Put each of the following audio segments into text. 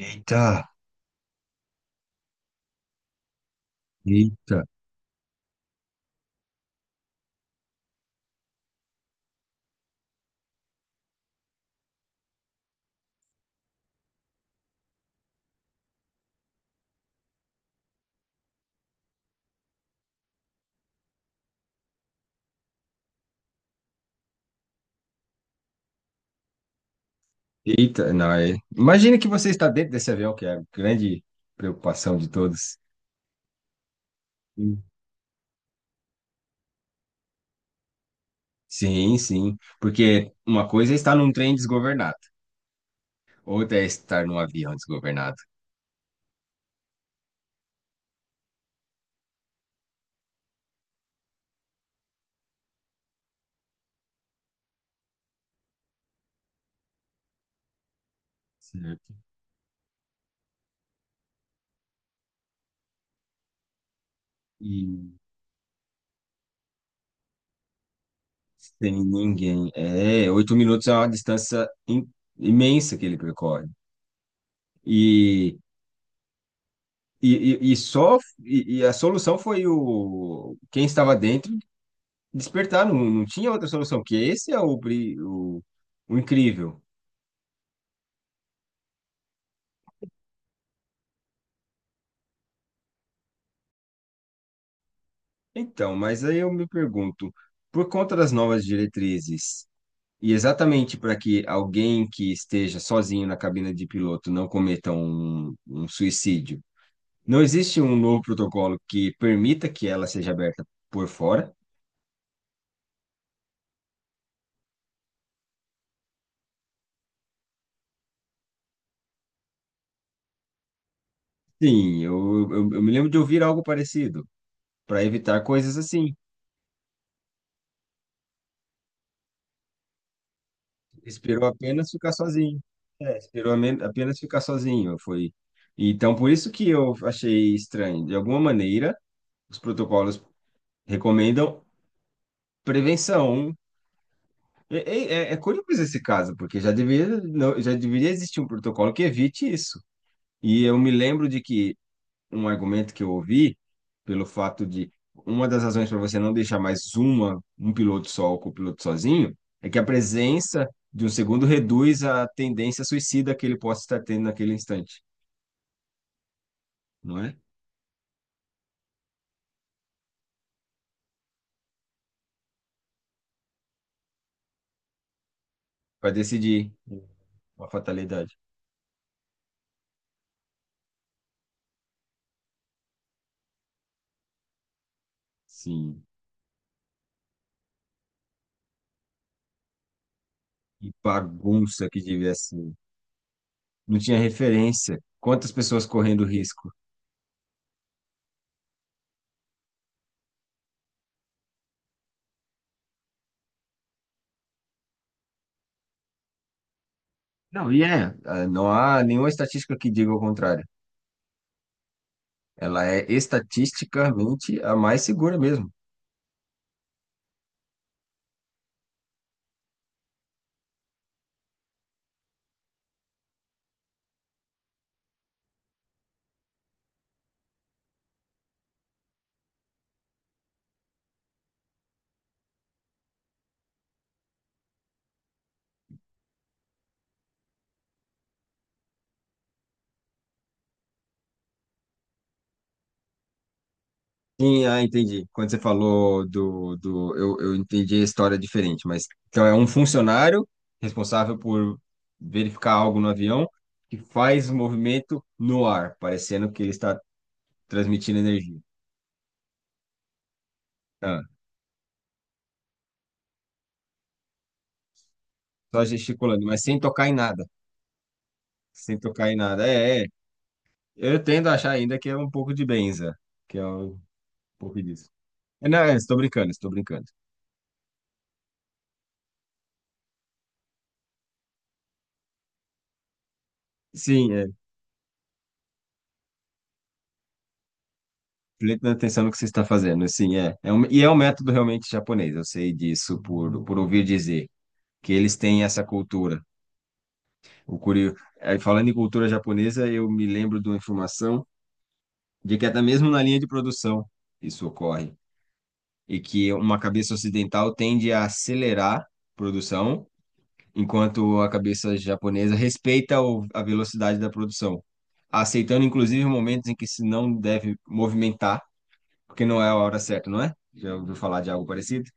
Eita, eita, eita. Não, imagina que você está dentro desse avião, que é a grande preocupação de todos. Sim, sim, sim. Porque uma coisa é estar num trem desgovernado, outra é estar num avião desgovernado. Certo. E sem ninguém. É, oito minutos é uma distância imensa que ele percorre. E, e só, e a solução foi o quem estava dentro. Despertar, não, não tinha outra solução, que esse é o incrível. Então, mas aí eu me pergunto, por conta das novas diretrizes, e exatamente para que alguém que esteja sozinho na cabina de piloto não cometa um suicídio, não existe um novo protocolo que permita que ela seja aberta por fora? Sim, eu me lembro de ouvir algo parecido, para evitar coisas assim. Esperou apenas ficar sozinho. É, esperou apenas ficar sozinho, foi. Então, por isso que eu achei estranho. De alguma maneira, os protocolos recomendam prevenção. É curioso esse caso, porque já deveria, já deveria existir um protocolo que evite isso. E eu me lembro de que um argumento que eu ouvi, pelo fato de uma das razões para você não deixar mais um piloto só ou copiloto sozinho, é que a presença de um segundo reduz a tendência suicida que ele possa estar tendo naquele instante, não é? Para decidir uma fatalidade. Sim. E bagunça que devia ser. Não tinha referência. Quantas pessoas correndo risco? Não, e é, ah, não há nenhuma estatística que diga o contrário. Ela é estatisticamente a mais segura mesmo. Sim, ah, entendi. Quando você falou do eu entendi a história diferente, mas então é um funcionário responsável por verificar algo no avião que faz movimento no ar, parecendo que ele está transmitindo energia. Ah, só gesticulando, mas sem tocar em nada. Sem tocar em nada. É, é. Eu tendo a achar ainda que é um pouco de benza, que é um pouco disso. É, não, é, estou brincando, estou brincando. Sim, é, prestando atenção no que você está fazendo, assim, é. E é um método realmente japonês, eu sei disso por ouvir dizer, que eles têm essa cultura. O curio... Falando em cultura japonesa, eu me lembro de uma informação de que até mesmo na linha de produção isso ocorre, e que uma cabeça ocidental tende a acelerar a produção, enquanto a cabeça japonesa respeita a velocidade da produção, aceitando inclusive momentos em que se não deve movimentar, porque não é a hora certa, não é? Já ouviu falar de algo parecido?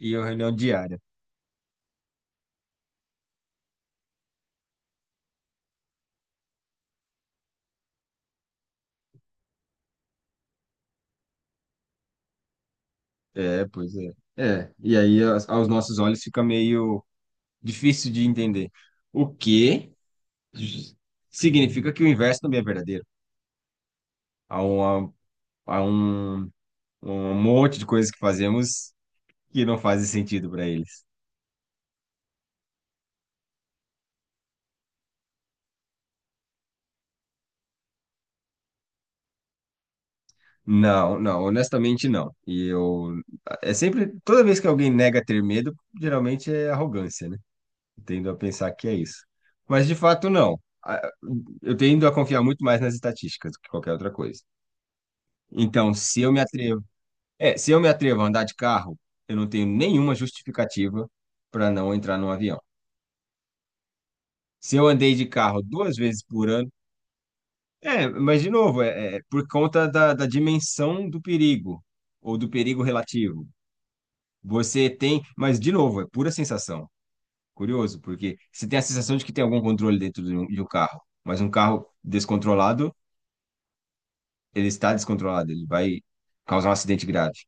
E a reunião diária. É, pois é. É, e aí aos nossos olhos fica meio difícil de entender. O que significa que o inverso também é verdadeiro. Há um, há um monte de coisas que fazemos que não fazem sentido para eles. Não, não, honestamente não. E eu. É sempre. Toda vez que alguém nega ter medo, geralmente é arrogância, né? Eu tendo a pensar que é isso. Mas de fato, não. Eu tendo a confiar muito mais nas estatísticas do que qualquer outra coisa. Então, se eu me atrevo, se eu me atrevo a andar de carro, eu não tenho nenhuma justificativa para não entrar num avião. Se eu andei de carro duas vezes por ano, é, mas de novo, é por conta da dimensão do perigo ou do perigo relativo. Você tem, mas de novo, é pura sensação. Curioso, porque você tem a sensação de que tem algum controle dentro de um carro, mas um carro descontrolado, ele está descontrolado, ele vai causar um acidente grave.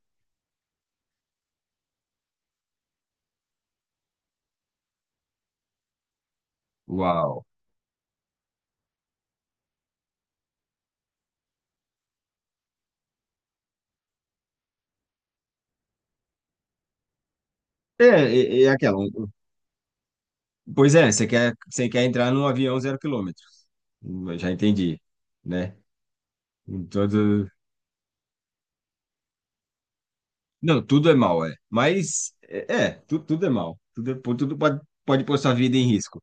Uau. É, é, é aquela. um, Pois é, você quer entrar num avião zero quilômetro. Eu já entendi, né? Em todo... Não, tudo é mal, é. Mas, tudo é mal. Tudo, tudo pode pôr sua vida em risco.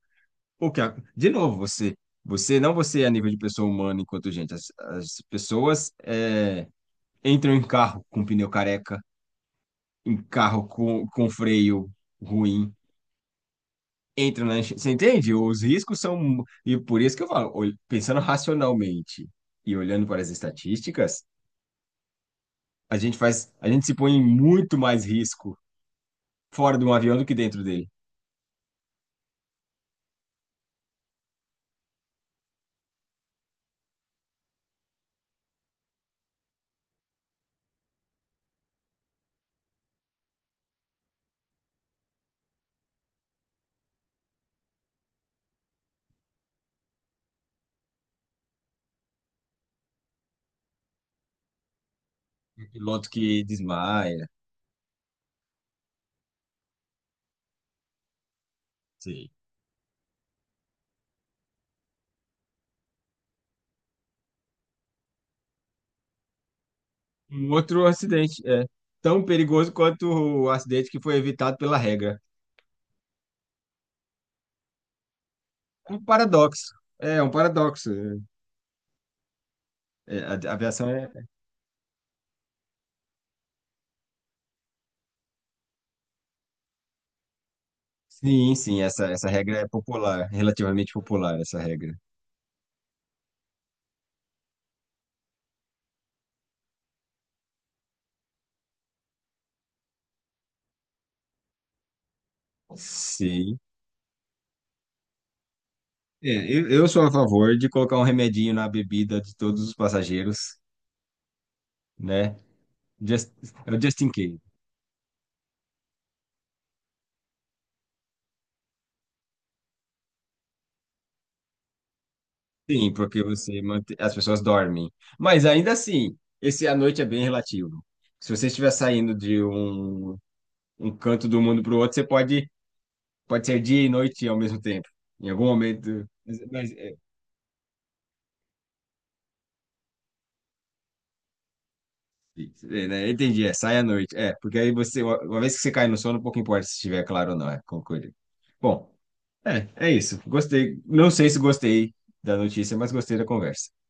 O que, de novo, você, não você é a nível de pessoa humana enquanto gente. As pessoas entram em carro com pneu careca, em carro com freio ruim, você entende? Os riscos são. E por isso que eu falo, pensando racionalmente e olhando para as estatísticas, a gente se põe em muito mais risco fora de um avião do que dentro dele. Um piloto que desmaia, sim. Um outro acidente é tão perigoso quanto o acidente que foi evitado pela regra. É um paradoxo. É um paradoxo. É, a aviação é. Sim, sim, essa regra é popular, relativamente popular, essa regra. Sim. É, eu sou a favor de colocar um remedinho na bebida de todos os passageiros, né? Just, é o just in case. Sim, porque você mantém, as pessoas dormem. Mas ainda assim, esse à noite é bem relativo. Se você estiver saindo de um canto do mundo para o outro, você pode ser dia e noite ao mesmo tempo. Em algum momento. Mas, né? Entendi, sai à noite. É, porque aí você, uma vez que você cai no sono, pouco importa se estiver claro ou não, concordo. Bom. É, é isso. Gostei. Não sei se gostei da notícia, mas gostei da conversa.